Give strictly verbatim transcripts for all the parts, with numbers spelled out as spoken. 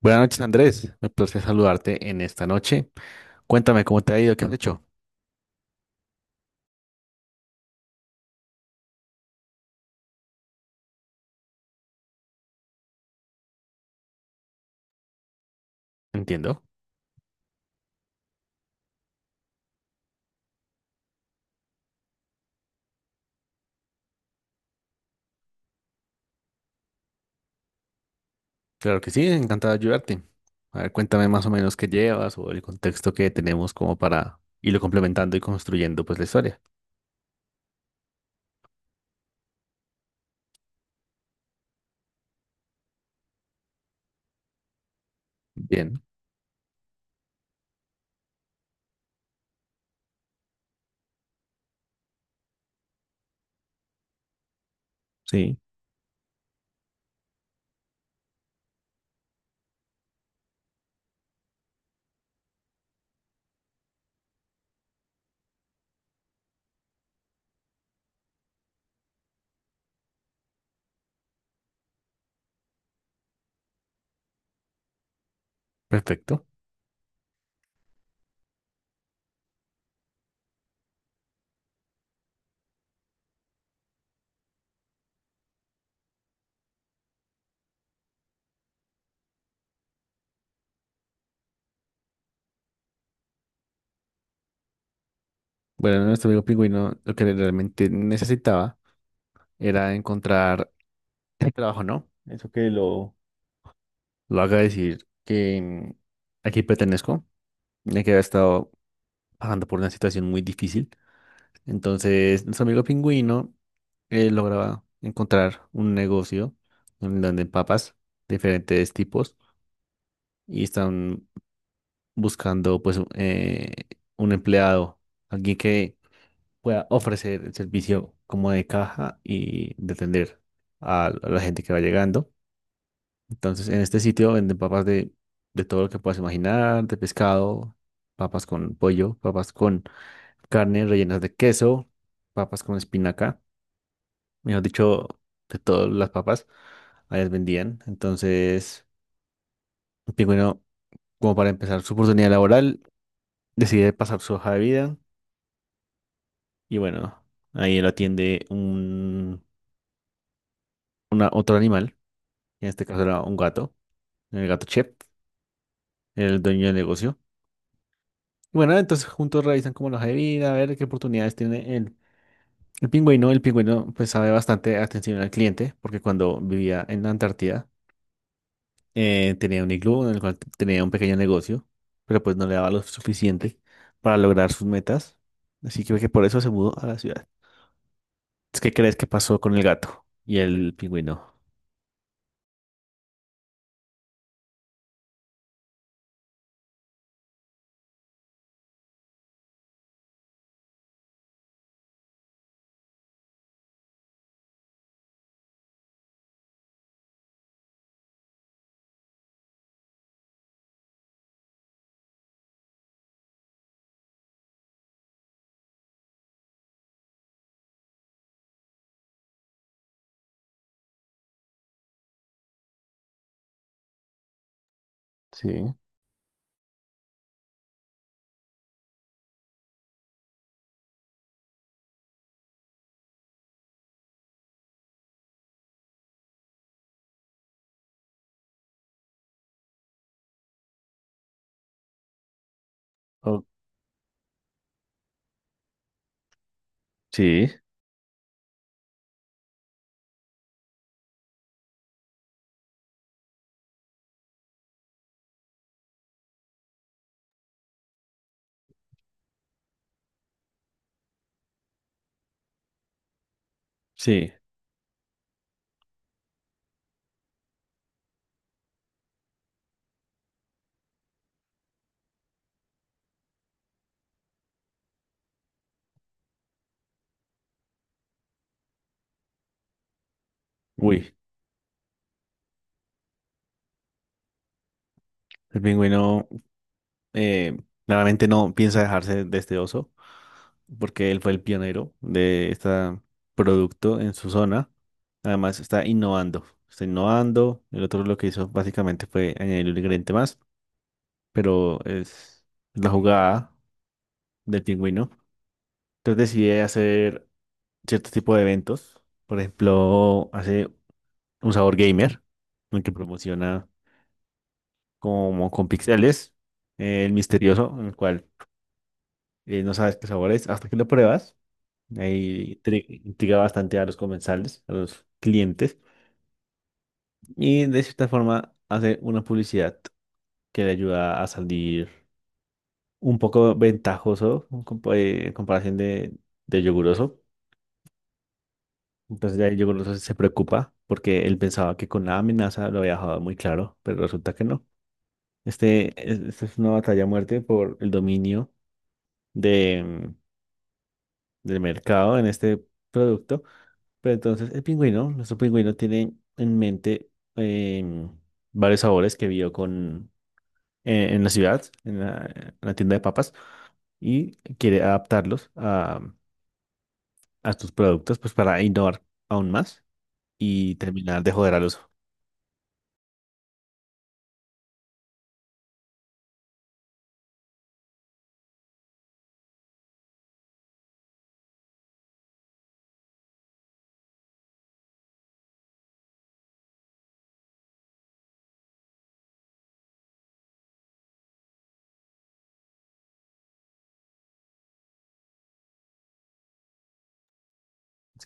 Buenas noches, Andrés. Me place saludarte en esta noche. Cuéntame cómo te ha ido, qué has hecho. Entiendo. Claro que sí, encantado de ayudarte. A ver, cuéntame más o menos qué llevas o el contexto que tenemos como para irlo complementando y construyendo pues la historia. Bien, sí, perfecto. Bueno, nuestro amigo pingüino lo que realmente necesitaba era encontrar el trabajo, ¿no? Eso que lo, lo haga decir que mm, aquí pertenezco, ya que había estado pasando por una situación muy difícil. Entonces, nuestro amigo pingüino eh, lograba encontrar un negocio en donde papas de diferentes tipos y están buscando pues un eh, un empleado, alguien que pueda ofrecer el servicio como de caja y de atender a a la gente que va llegando. Entonces, en este sitio venden papas de, de todo lo que puedas imaginar: de pescado, papas con pollo, papas con carne rellenas de queso, papas con espinaca. Mejor dicho, de todas las papas, allá las vendían. Entonces, el pingüino, como para empezar su oportunidad laboral, decide pasar su hoja de vida y bueno, ahí lo atiende un una, otro animal, en este caso era un gato, el gato Chef, el dueño del negocio. Y bueno, entonces juntos revisan como la hoja de vida, a ver qué oportunidades tiene el, el pingüino. El pingüino pues sabe bastante atención al cliente, porque cuando vivía en la Antártida, Eh, tenía un iglú en el cual tenía un pequeño negocio, pero pues no le daba lo suficiente para lograr sus metas. Así que creo que por eso se mudó a la ciudad. ¿Qué crees que pasó con el gato y el pingüino? Sí. Oh, sí, sí. Uy, el pingüino eh, claramente no piensa dejarse de este oso porque él fue el pionero de este producto en su zona. Además está innovando, está innovando. El otro lo que hizo básicamente fue añadir un ingrediente más, pero es la jugada del pingüino. Entonces decide hacer cierto tipo de eventos. Por ejemplo, hace un sabor gamer, en el que promociona como con pixeles, eh, el misterioso, en el cual eh, no sabes qué sabor es hasta que lo pruebas. Ahí intri- intriga bastante a los comensales, a los clientes. Y de cierta forma hace una publicidad que le ayuda a salir un poco ventajoso en compa- eh, en comparación de, de yoguroso. Entonces ya yo creo que se preocupa porque él pensaba que con la amenaza lo había dejado muy claro, pero resulta que no. Este, es- esta es una batalla a muerte por el dominio de, mm, del mercado en este producto. Pero entonces el pingüino, nuestro pingüino tiene en mente em, varios sabores que vio con, eh, en la ciudad, en la, en la tienda de papas, y quiere adaptarlos a, a tus productos pues para innovar aún más y terminar de joder a los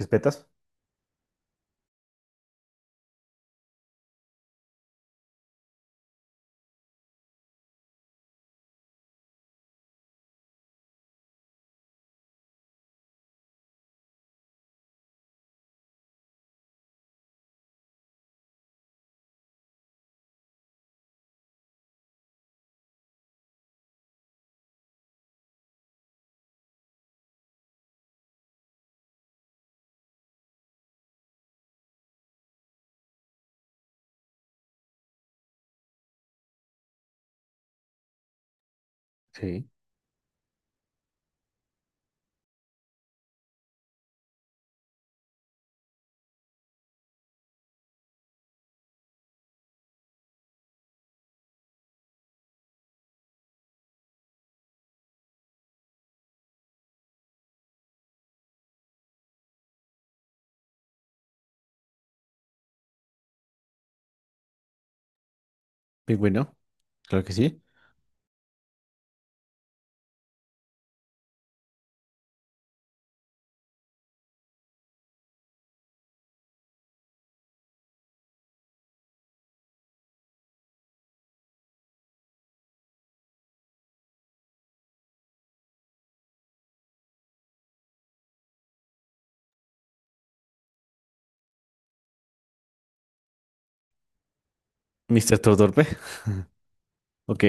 espetas. Sí. Pingüino, claro que sí. Mister Todo Torpe. Ok,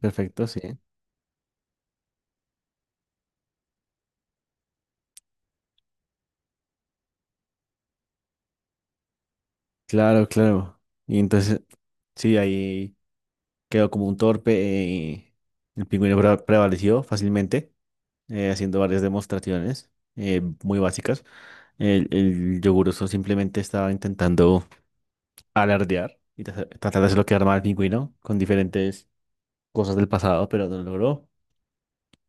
perfecto, sí. Claro, claro. Y entonces, sí, ahí quedó como un torpe y el pingüino pre- prevaleció fácilmente, eh, haciendo varias demostraciones eh, muy básicas. El, el yoguroso simplemente estaba intentando alardear y tra- tratar de hacerlo quedar mal al pingüino con diferentes cosas del pasado, pero no lo logró.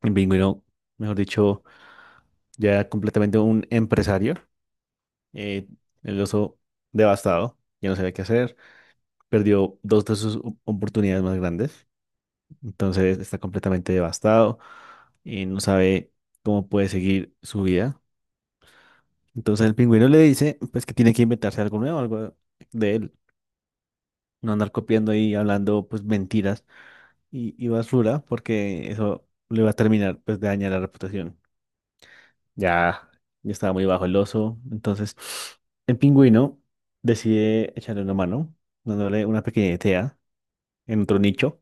El pingüino, mejor dicho, ya era completamente un empresario. Eh, el oso devastado, ya no sabía qué hacer, perdió dos de sus o- oportunidades más grandes, entonces está completamente devastado y no sabe cómo puede seguir su vida. Entonces el pingüino le dice pues que tiene que inventarse algo nuevo, algo de él, no andar copiando y hablando pues mentiras y, y basura porque eso le va a terminar pues de dañar la reputación. Ya, ya estaba muy bajo el oso. Entonces, el pingüino decide echarle una mano, dándole una pequeña idea en otro nicho.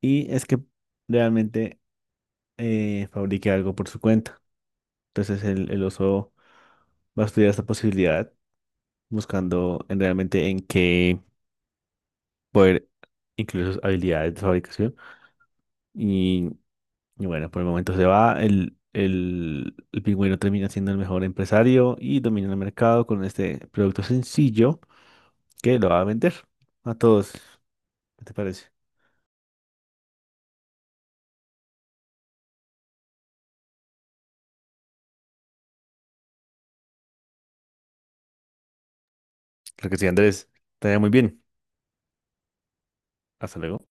Y es que realmente eh, fabrique algo por su cuenta. Entonces, el, el oso va a estudiar esta posibilidad, buscando en realmente en qué poder incluir sus habilidades de fabricación. Y, y bueno, por el momento se va. El, el, el pingüino termina siendo el mejor empresario y domina el mercado con este producto sencillo. ¿Qué? ¿Lo va a vender a todos? ¿Qué te parece? Lo que sí, Andrés, te vaya muy bien. Hasta luego.